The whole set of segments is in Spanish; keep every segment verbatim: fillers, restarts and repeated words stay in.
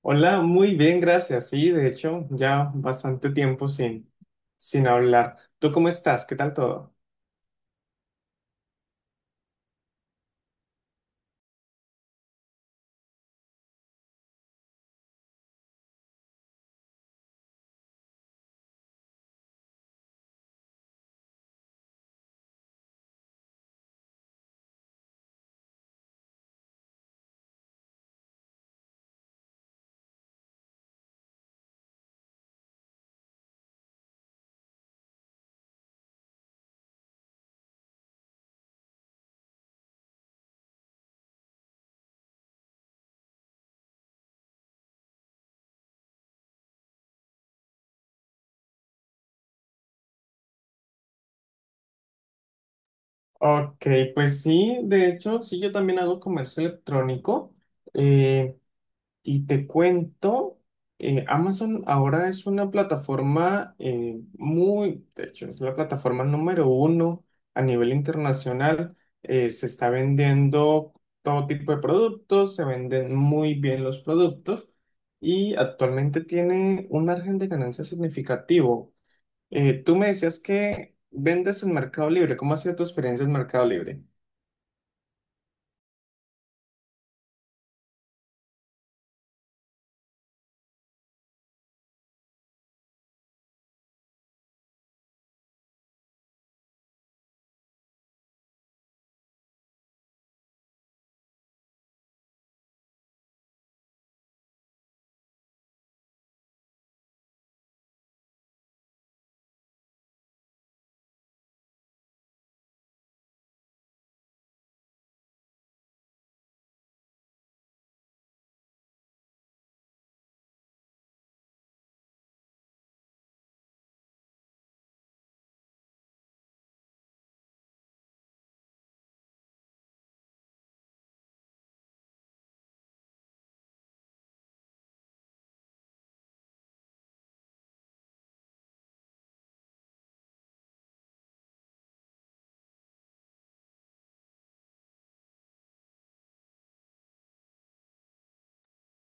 Hola, muy bien, gracias. Sí, de hecho, ya bastante tiempo sin, sin hablar. ¿Tú cómo estás? ¿Qué tal todo? Ok, pues sí, de hecho, sí, yo también hago comercio electrónico. Y te cuento, eh, Amazon ahora es una plataforma eh, muy, de hecho, es la plataforma número uno a nivel internacional. Eh, se está vendiendo todo tipo de productos, se venden muy bien los productos y actualmente tiene un margen de ganancia significativo. Eh, tú me decías que vendes en Mercado Libre. ¿Cómo ha sido tu experiencia en Mercado Libre?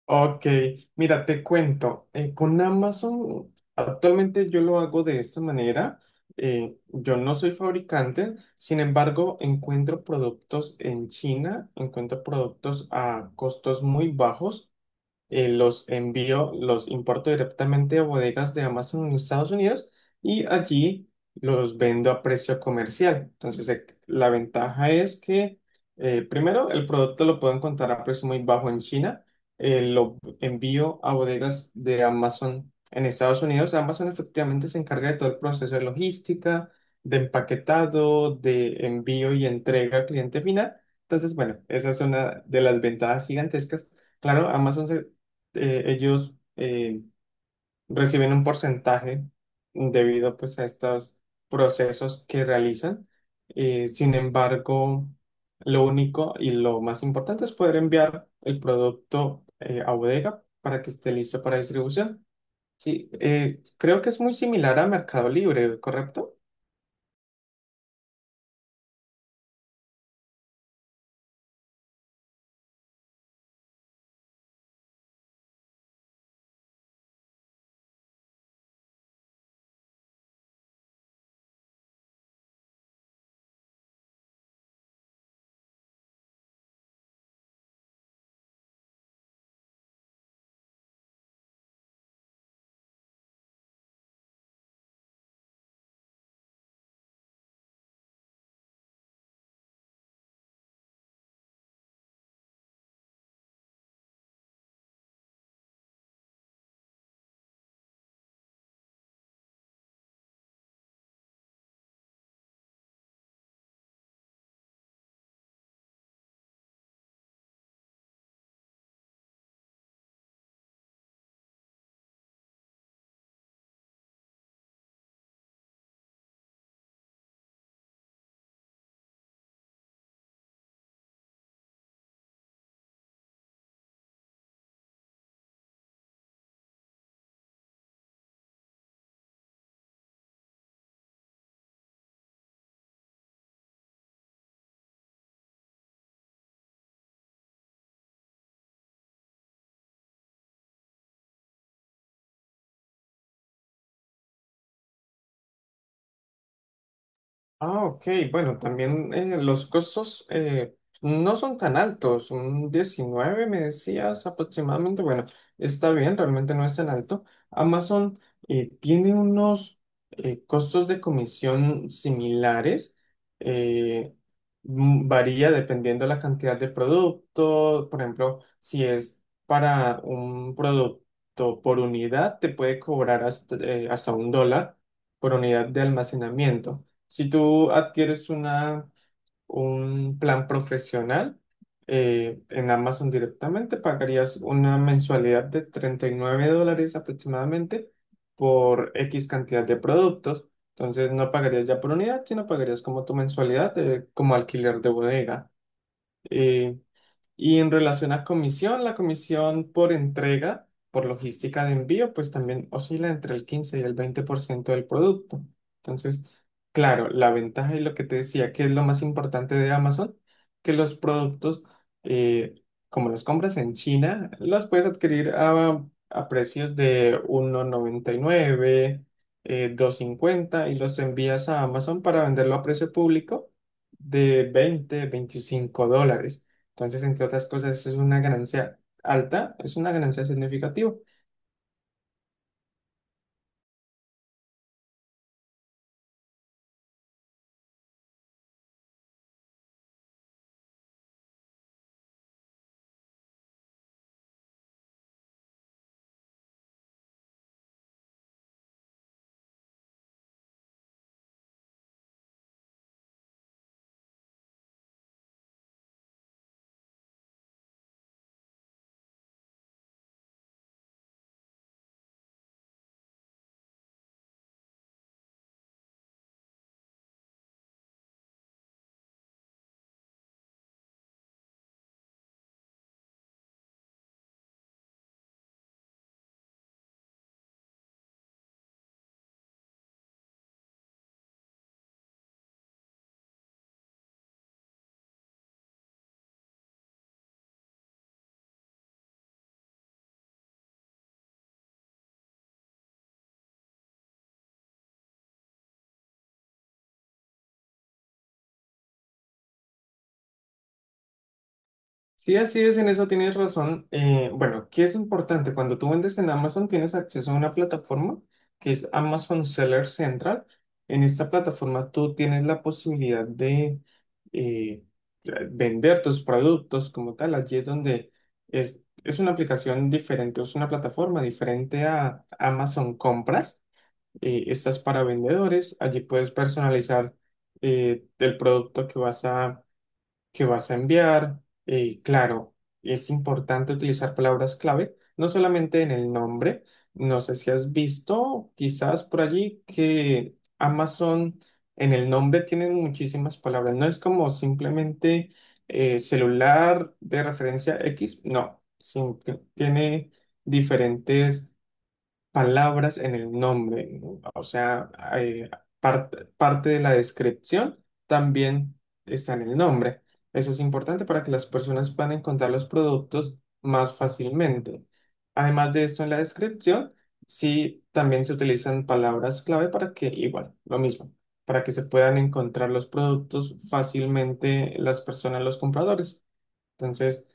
Ok, mira, te cuento, eh, con Amazon actualmente yo lo hago de esta manera. eh, yo no soy fabricante, sin embargo, encuentro productos en China, encuentro productos a costos muy bajos, eh, los envío, los importo directamente a bodegas de Amazon en Estados Unidos y allí los vendo a precio comercial. Entonces, eh, la ventaja es que, eh, primero, el producto lo puedo encontrar a precio muy bajo en China, eh, lo envío a bodegas de Amazon en Estados Unidos. Amazon efectivamente se encarga de todo el proceso de logística, de empaquetado, de envío y entrega al cliente final. Entonces, bueno, esa es una de las ventajas gigantescas. Claro, Amazon se eh, ellos eh, reciben un porcentaje debido pues a estos procesos que realizan. Eh, sin embargo, lo único y lo más importante es poder enviar el producto eh, a bodega para que esté listo para distribución. Sí, eh, creo que es muy similar a Mercado Libre, ¿correcto? Ah, ok. Bueno, también eh, los costos eh, no son tan altos. Un diecinueve, me decías aproximadamente. Bueno, está bien, realmente no es tan alto. Amazon eh, tiene unos eh, costos de comisión similares. eh, m- varía dependiendo la cantidad de producto. Por ejemplo, si es para un producto por unidad, te puede cobrar hasta, eh, hasta un dólar por unidad de almacenamiento. Si tú adquieres una, un plan profesional eh, en Amazon directamente, pagarías una mensualidad de treinta y nueve dólares aproximadamente por X cantidad de productos. Entonces no pagarías ya por unidad, sino pagarías como tu mensualidad eh, como alquiler de bodega. Eh, y en relación a comisión, la comisión por entrega, por logística de envío, pues también oscila entre el quince y el veinte por ciento del producto. Entonces, claro, la ventaja y lo que te decía, que es lo más importante de Amazon, que los productos, eh, como los compras en China, los puedes adquirir a, a precios de uno noventa y nueve eh, dos cincuenta y los envías a Amazon para venderlo a precio público de veinte, veinticinco dólares. Entonces, entre otras cosas, es una ganancia alta, es una ganancia significativa. Sí, así es, en eso tienes razón. Eh, bueno, ¿qué es importante? Cuando tú vendes en Amazon, tienes acceso a una plataforma que es Amazon Seller Central. En esta plataforma tú tienes la posibilidad de eh, vender tus productos como tal. Allí es donde es, es una aplicación diferente, es una plataforma diferente a Amazon Compras. eh, estas para vendedores. Allí puedes personalizar eh, el producto que vas a, que vas a enviar. Eh, claro, es importante utilizar palabras clave, no solamente en el nombre. No sé si has visto quizás por allí que Amazon en el nombre tiene muchísimas palabras. No es como simplemente eh, celular de referencia X, no. Simple- tiene diferentes palabras en el nombre, ¿no? O sea, eh, parte, parte de la descripción también está en el nombre. Eso es importante para que las personas puedan encontrar los productos más fácilmente. Además de esto, en la descripción, sí, también se utilizan palabras clave para que, igual, lo mismo, para que se puedan encontrar los productos fácilmente las personas, los compradores. Entonces,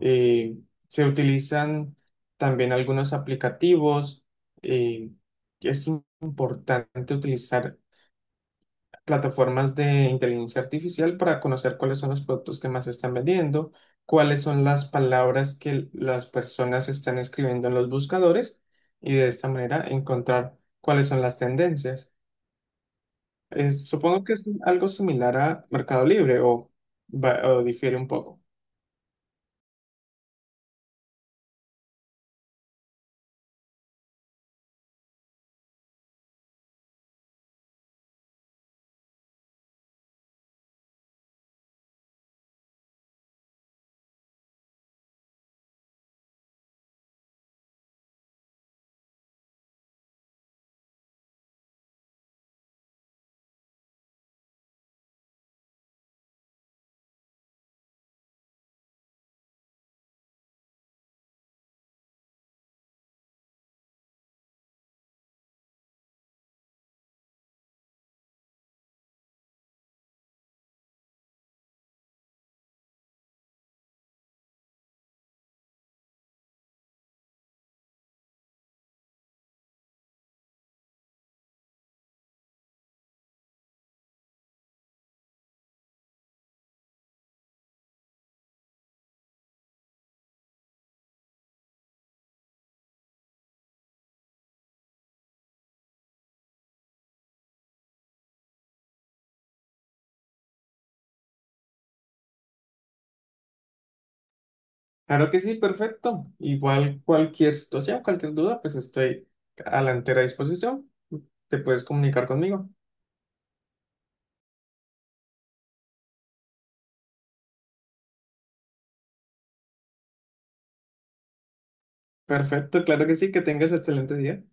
eh, se utilizan también algunos aplicativos. eh, es importante utilizar plataformas de inteligencia artificial para conocer cuáles son los productos que más se están vendiendo, cuáles son las palabras que las personas están escribiendo en los buscadores y de esta manera encontrar cuáles son las tendencias. Es- supongo que es algo similar a Mercado Libre o, va- o difiere un poco. Claro que sí, perfecto. Igual cualquier situación, cualquier duda, pues estoy a la entera disposición. Te puedes comunicar conmigo. Perfecto, claro que sí, que tengas excelente día.